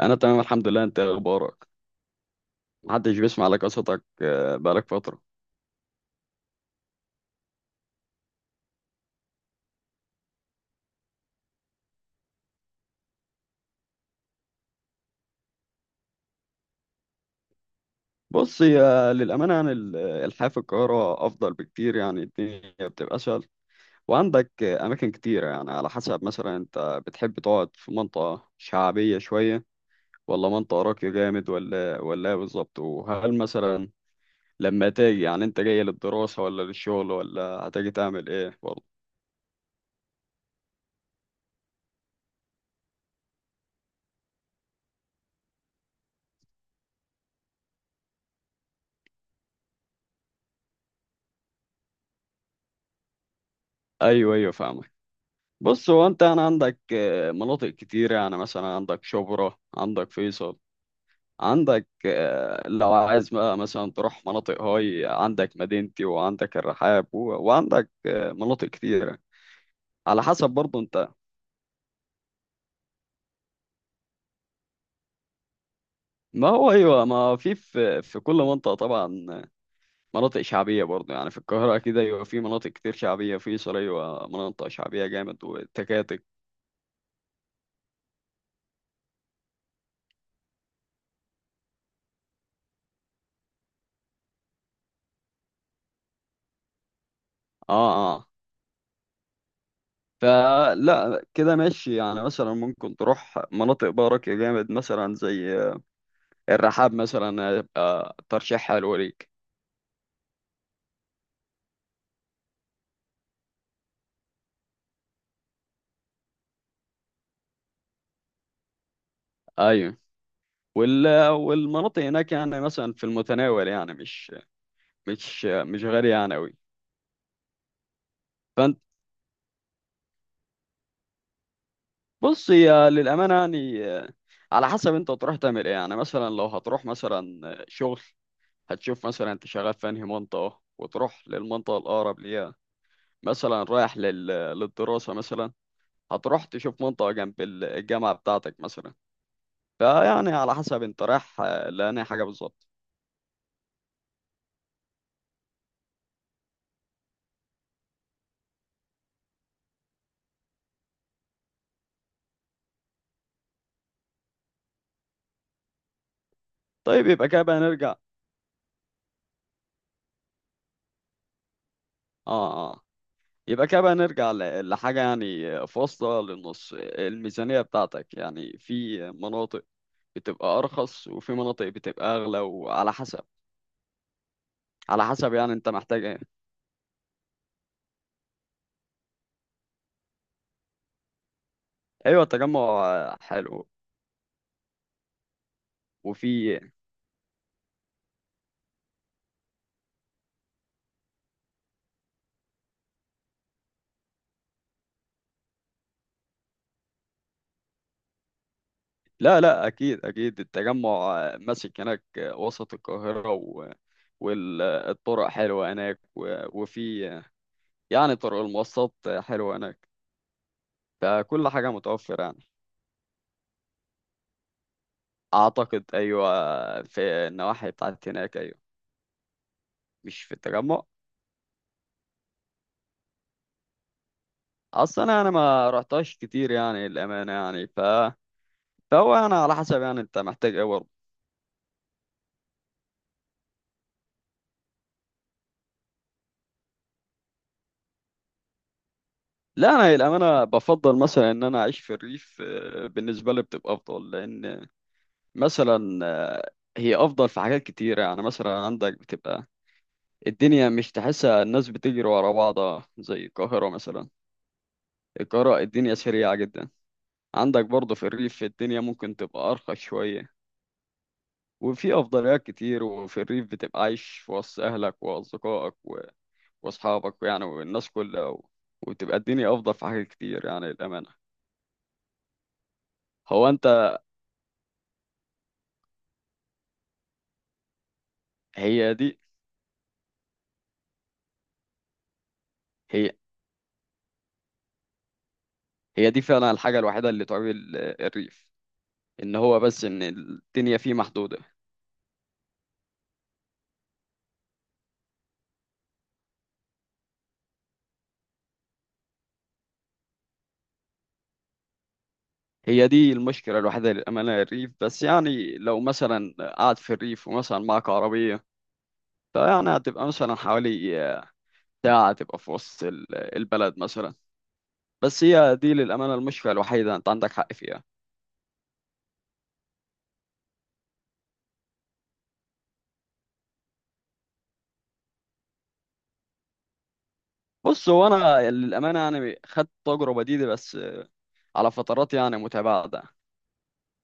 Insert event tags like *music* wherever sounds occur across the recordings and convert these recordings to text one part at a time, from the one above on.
انا تمام، الحمد لله. انت إيه اخبارك؟ محدش بيسمع لك قصتك، بقالك فتره. بص، يا للامانه، يعني الحياه في القاهره افضل بكتير، يعني الدنيا بتبقى اسهل. وعندك اماكن كتيره، يعني على حسب. مثلا انت بتحب تقعد في منطقه شعبيه شويه، ولا منطقه راقيه جامد، ولا إيه بالظبط؟ وهل مثلا لما تيجي، يعني انت جاي للدراسه ولا للشغل، ولا هتيجي تعمل ايه برضه؟ ايوه ايوه، فاهمك. بص، هو انت يعني عندك مناطق كتير. يعني مثلا عندك شبرا، عندك فيصل، عندك لو عايز بقى مثلا تروح مناطق هاي، عندك مدينتي، وعندك الرحاب، وعندك مناطق كتيرة. على حسب برضه انت. ما هو ايوه، ما في كل منطقة طبعا مناطق شعبية برضه. يعني في القاهرة كده ايوه، في مناطق كتير شعبية. فيصل ايوه، مناطق شعبية جامد وتكاتك. اه، آه. فلا كده ماشي. يعني مثلا ممكن تروح مناطق بقى راقية جامد، مثلا زي الرحاب مثلا، هيبقى ترشيح حلو ليك. ايوه. وال والمناطق هناك يعني مثلا في المتناول، يعني مش غالية يعني أوي. فانت، بص، يا للأمانة، يعني على حسب انت تروح تعمل ايه. يعني مثلا لو هتروح مثلا شغل، هتشوف مثلا انت شغال في انهي منطقة، وتروح للمنطقة الأقرب ليها. مثلا رايح للدراسة مثلا، هتروح تشوف منطقة جنب الجامعة بتاعتك مثلا. فيعني على حسب انت رايح لأنهي حاجة بالظبط. طيب، يبقى كده بقى نرجع. اه اه، يبقى كده بقى نرجع لحاجة. يعني فاصلة للنص، الميزانية بتاعتك. يعني في مناطق بتبقى أرخص، وفي مناطق بتبقى أغلى، وعلى حسب، على حسب يعني انت محتاج ايه. ايوه، التجمع. حلو. وفي، لا لا، اكيد اكيد، التجمع ماسك هناك، وسط القاهرة، والطرق حلوة هناك، وفي يعني طرق المواصلات حلوة هناك، فكل حاجة متوفرة يعني. أعتقد أيوة. في النواحي بتاعت هناك أيوة، مش في التجمع. أصلا أنا ما رحتهاش كتير يعني الأمانة، يعني فهو أنا على حسب يعني أنت محتاج إيه برضه. لا أنا الأمانة بفضل مثلا إن أنا أعيش في الريف. بالنسبة لي بتبقى أفضل، لأن مثلا آه، هي أفضل في حاجات كتيرة. يعني مثلا عندك بتبقى الدنيا، مش تحسها الناس بتجري ورا بعضها زي القاهرة مثلا. القاهرة الدنيا سريعة جدا. عندك برضه في الريف الدنيا ممكن تبقى أرخص شوية، وفي أفضليات كتير. وفي الريف بتبقى عايش في وسط أهلك وأصدقائك وأصحابك يعني، والناس كلها وتبقى الدنيا أفضل في حاجات كتير يعني الأمانة. هو أنت، هي دي هي هي دي فعلا الحاجة الوحيدة اللي تعمل الريف، إن هو بس إن الدنيا فيه محدودة. هي دي المشكلة الوحيدة للأمانة، الريف بس. يعني لو مثلا قاعد في الريف، ومثلا معك عربية، فيعني هتبقى مثلا حوالي ساعة تبقى في وسط البلد مثلا. بس هي دي للأمانة المشكلة الوحيدة، أنت عندك حق فيها. بص، هو أنا للأمانة يعني خدت التجربة دي، بس على فترات يعني متباعدة،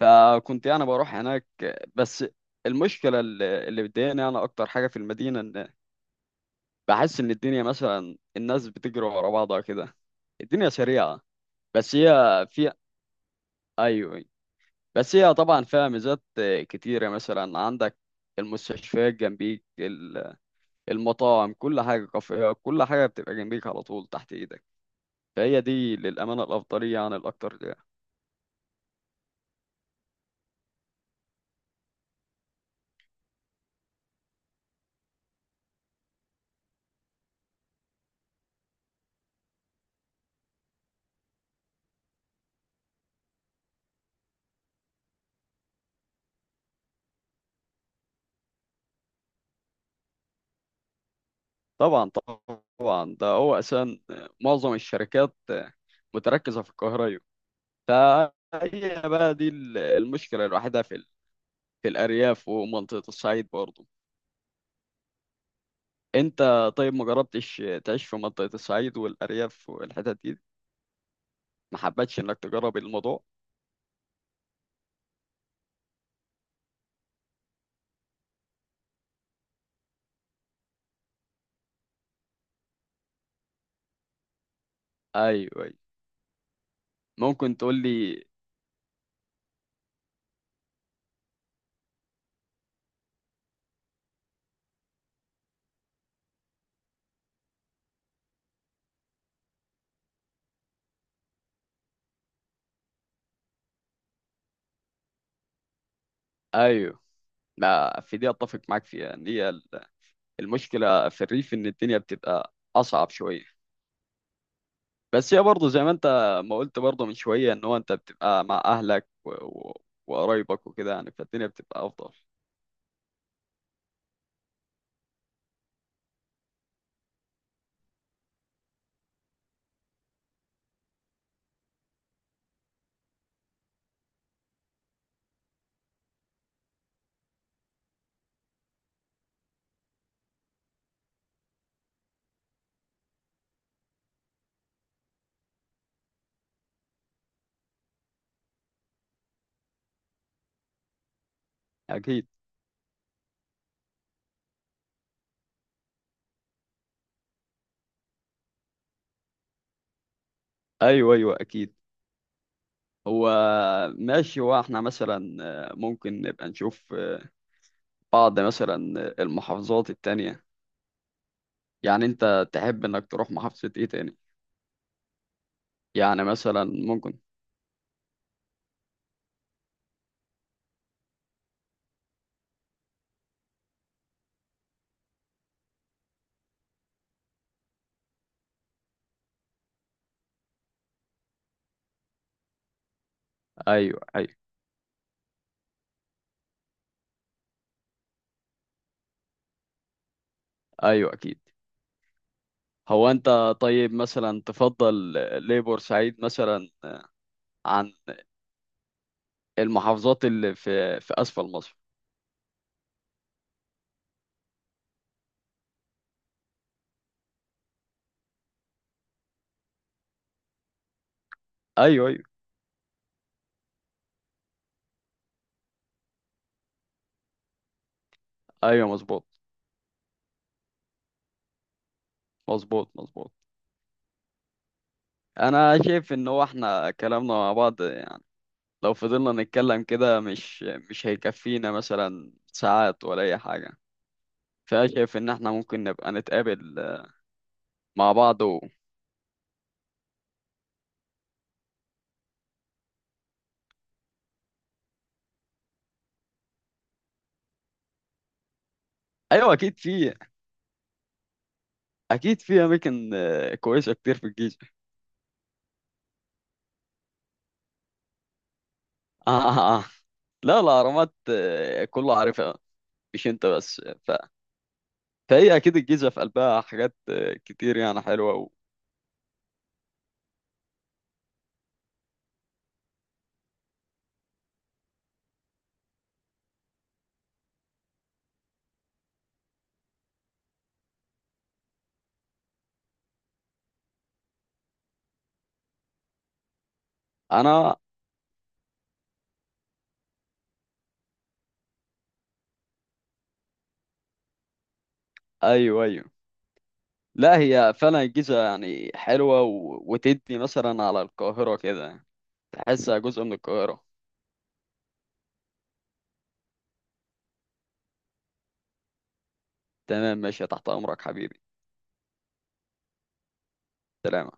فكنت يعني بروح هناك. بس المشكلة اللي بتضايقني أنا أكتر حاجة في المدينة، إن بحس إن الدنيا مثلا، الناس بتجري ورا بعضها كده، الدنيا سريعة. بس هي، في، ايوه أيوة. بس هي طبعا فيها ميزات كتيره، مثلا عندك المستشفيات جنبيك، المطاعم كل حاجه، كافيهات، كل حاجه بتبقى جنبيك على طول تحت ايدك. فهي دي للامانه الافضليه عن الاكتر ده. طبعا، طبعا ده هو اساسا معظم الشركات متركزه في القاهره، أيوة. فهي بقى دي المشكله الوحيده في في الارياف ومنطقه الصعيد برضه. انت طيب، ما جربتش تعيش في منطقه الصعيد والارياف والحتت دي؟ ما حبتش انك تجرب الموضوع؟ ايوه أيوة. ممكن تقول لي. ايوه، لا في دي اتفق معاك فيها، ان هي المشكله في الريف ان الدنيا بتبقى اصعب شويه. بس هي برضه زي ما انت ما قلت برضه من شويه، ان هو انت بتبقى مع اهلك وقرايبك وكده يعني، فالدنيا بتبقى افضل. اكيد. ايوه ايوه اكيد. هو ماشي، هو احنا مثلا ممكن نبقى نشوف بعض مثلا المحافظات التانية. يعني انت تحب انك تروح محافظة ايه تاني؟ يعني مثلا ممكن. ايوه ايوه ايوه اكيد. هو انت طيب مثلا، تفضل ليه بورسعيد مثلا، عن المحافظات اللي في اسفل مصر؟ ايوه ايوه ايوه، مظبوط، مظبوط مظبوط. انا شايف ان هو احنا كلامنا مع بعض يعني، لو فضلنا نتكلم كده مش هيكفينا مثلا ساعات ولا اي حاجه. فانا شايف ان احنا ممكن نبقى نتقابل مع بعض ايوه. اكيد في اماكن كويسه كتير في الجيزه. *laughs* لا، الأهرامات كله عارفها، مش أنت بس فهي أكيد الجيزة في قلبها حاجات كتير يعني، حلوة أنا، أيوه أيوه. لا هي فعلا الجيزة يعني حلوة وتدي مثلا على القاهرة كده، تحسها جزء من القاهرة. تمام، ماشي، تحت أمرك حبيبي. سلامة